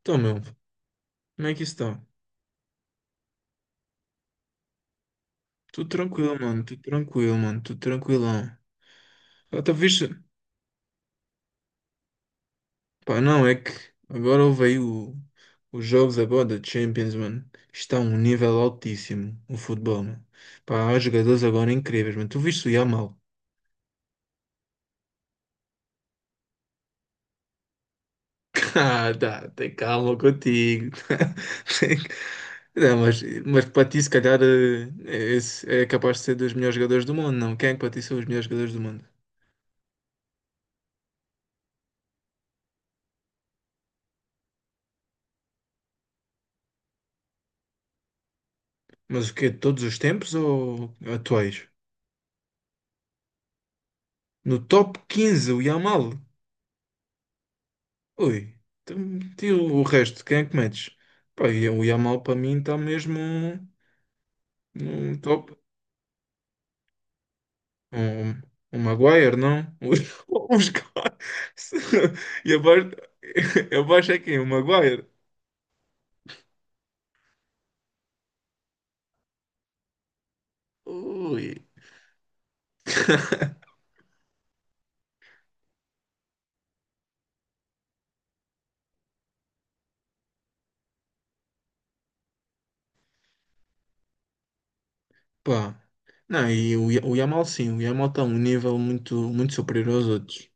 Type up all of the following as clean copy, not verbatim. Então, meu, como é que isso está? Tudo tranquilo, mano, tudo tranquilo, mano, tudo tranquilão. Ah, tá viste? Pá, não, é que agora houve aí os jogos agora da Champions, mano. Está a um nível altíssimo o futebol, mano. Pá, há jogadores agora incríveis, mano. Tu viste o Yamal? Ah, tá, tem calma contigo. Tem- Não, mas para ti, se calhar, esse é capaz de ser dos melhores jogadores do mundo, não? Quem é que para ti são os melhores jogadores do mundo? Mas o quê? De todos os tempos ou atuais? No top 15 o Yamal. Ui, então, e o resto, quem é que metes? Pá, e o Yamal para mim está mesmo no top. Um um Maguire, não? Uns caras. E abaixo, abaixo é quem? O Maguire? Ui, pá. Não, o Yamal sim, o Yamal está a um nível muito, muito superior aos outros.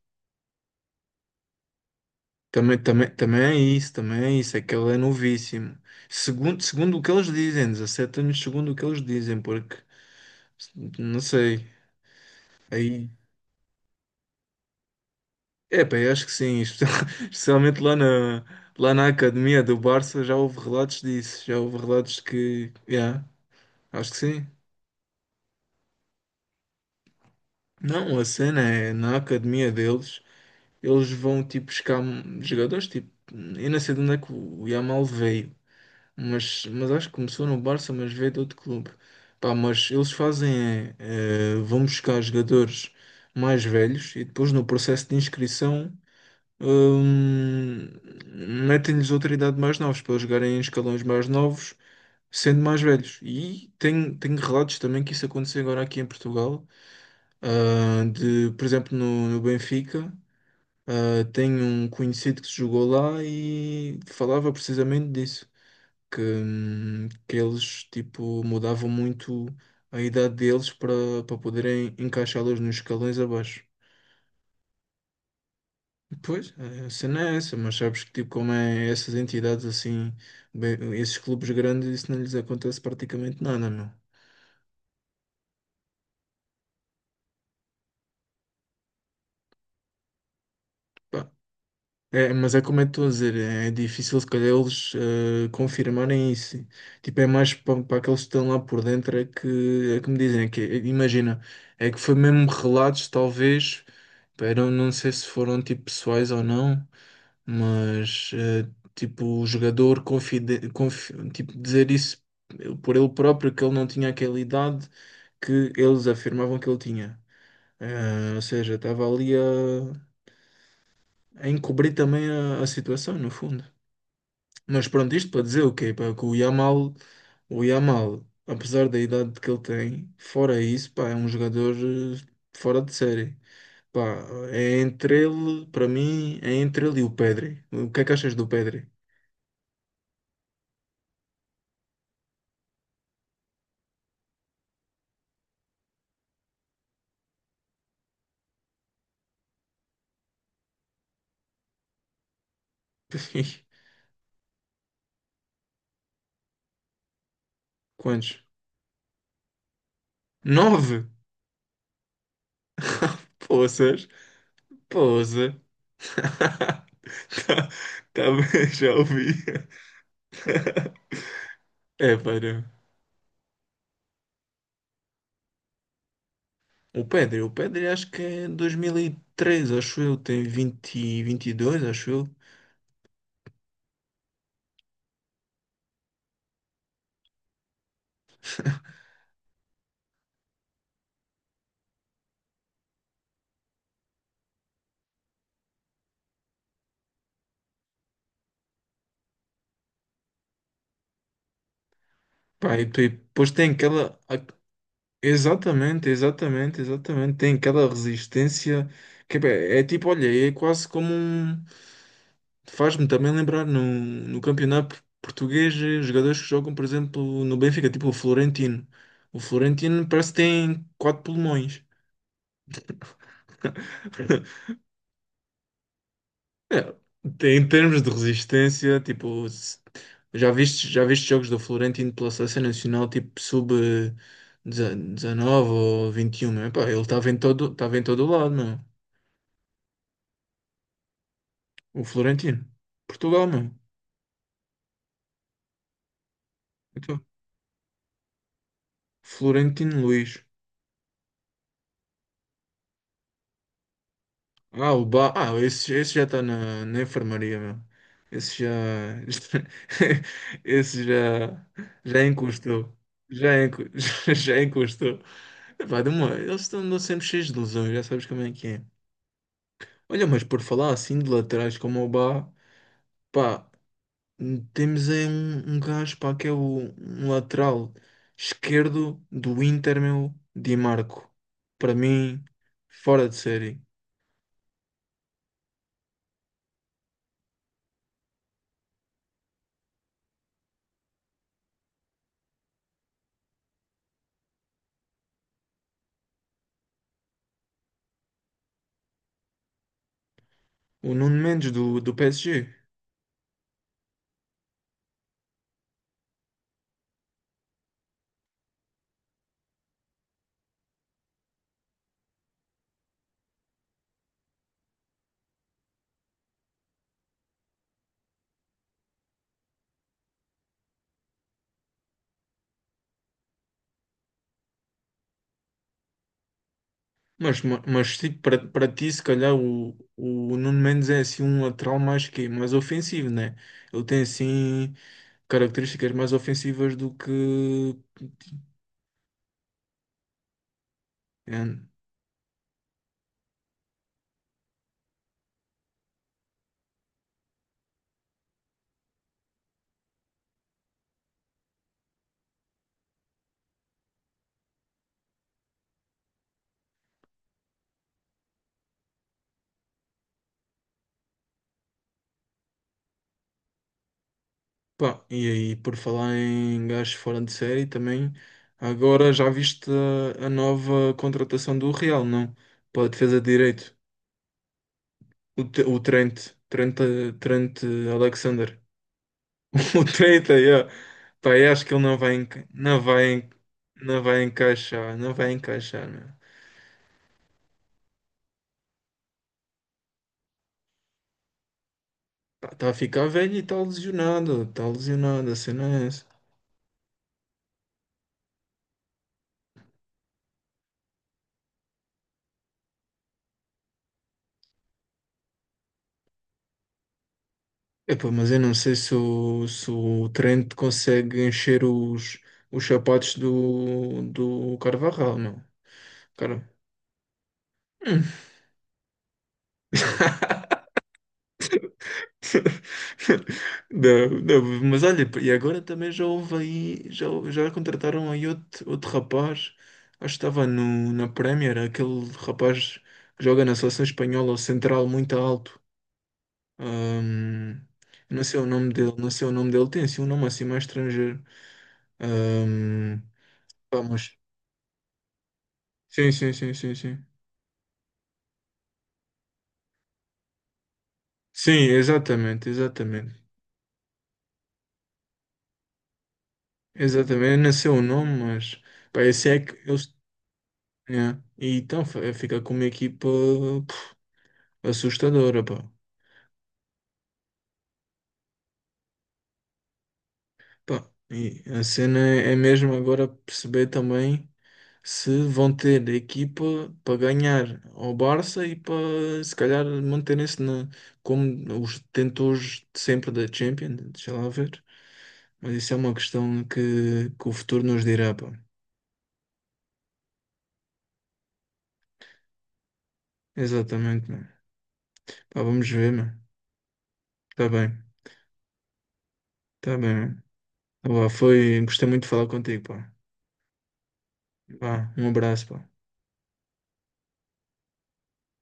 Também, também, também é isso, é que ele é novíssimo. Segundo, segundo o que eles dizem, 17 anos, segundo o que eles dizem, porque não sei, aí, epá, eu acho que sim, especialmente lá na academia do Barça já houve relatos disso, já houve relatos que, yeah, acho que sim. Não, a cena é na academia deles, eles vão tipo buscar jogadores, tipo, eu não sei de onde é que o Yamal veio, mas acho que começou no Barça, mas veio de outro clube. Pá, mas eles fazem, vão buscar jogadores mais velhos e depois no processo de inscrição hum, metem-lhes outra idade mais novos para eles jogarem em escalões mais novos, sendo mais velhos. E tenho, tenho relatos também que isso aconteceu agora aqui em Portugal, ah, de, por exemplo, no Benfica. Ah, tenho um conhecido que se jogou lá e falava precisamente disso que eles tipo mudavam muito a idade deles para poderem encaixá-los nos escalões abaixo. Pois, a cena é essa, mas sabes que tipo como é essas entidades assim, bem, esses clubes grandes, isso não lhes acontece praticamente nada, meu. Pá, é, mas é como eu estou a dizer, é difícil se calhar eles confirmarem isso. Tipo, é mais para aqueles que estão lá por dentro é que me dizem, é que, é- imagina, é que foi mesmo relatos, talvez, era, não sei se foram tipo pessoais ou não, mas tipo, o jogador tipo, dizer isso por ele próprio, que ele não tinha aquela idade que eles afirmavam que ele tinha. Eh, ou seja, estava ali a encobrir também a situação, no fundo. Mas pronto, isto para dizer o quê? Pá, que o Yamal, apesar da idade que ele tem, fora isso, pá, é um jogador fora de série. Pá, é entre ele, para mim, é entre ele e o Pedri. O que é que achas do Pedri? Quantos? Nove! Poças, poça. Tá, tá bem, já ouvi. É, para. O Pedri acho que é 2003, acho eu, tem 20, 22, acho eu. Pá, e depois tem aquela. Exatamente, exatamente, exatamente. Tem aquela resistência que é tipo, olha, é quase como um. Faz-me também lembrar no campeonato português jogadores que jogam, por exemplo, no Benfica, tipo o Florentino. O Florentino parece que tem quatro pulmões. É, em termos de resistência, tipo, se- já viste jogos do Florentino pela seleção nacional, tipo, sub 19 ou 21 meu? Pá, ele estava em todo lado, meu. O Florentino. Portugal, meu. Então, Florentino Luís. Ah, o ba... Ah, esse já está na, na enfermaria, meu. Esse já. Esse já. Já encostou. Já, enco... já encostou. Epá, de uma... Eles estão andam sempre cheios de ilusões, já sabes como é que é. Olha, mas por falar assim de laterais como o Bá, pá, temos aí um gajo, pá, que é o um lateral esquerdo do Inter, meu, Di Marco. Para mim, fora de série. O Nuno Mendes do PSG. Mas, ma- mas tipo, para, para ti, se calhar, o Nuno Mendes é assim um lateral mais ofensivo, né? Ele tem assim características mais ofensivas do que. É, pá, e aí, por falar em gajos fora de série também, agora já viste a nova contratação do Real, não? Para a defesa de direito, o Trent Alexander. O treta, yeah. Pá, eu acho que ele não vai encaixar, não vai encaixar, meu. Está a ficar velho e está lesionado, a cena é essa. Epá, mas eu não sei se o Trent consegue encher os sapatos do, do Carvajal, meu. Cara. Hum. Não, não, mas olha, e agora também já houve aí, já, já contrataram aí outro, outro rapaz, acho que estava no, na Premier, aquele rapaz que joga na seleção espanhola, o central muito alto. Ahm, não sei o nome dele, não sei o nome dele, tem assim um nome assim mais estrangeiro. Ahm, pá, mas- Sim, sim, sim, sim, sim. Sim, exatamente, exatamente. Exatamente, eu não sei o nome, mas pá, eu sei que eles. E então fica com uma equipa assustadora, pá. Pá, e a cena é mesmo agora perceber também se vão ter equipa para ganhar ao Barça e para se calhar manterem-se na, como os detentores de sempre da Champions, deixa lá ver. Mas isso é uma questão que o futuro nos dirá, pá. Exatamente, mano. Pá, vamos ver, mano. Tá bem, tá bem, mano. Tá, lá, foi, gostei muito de falar contigo, pá. Vá, um abraço, pá.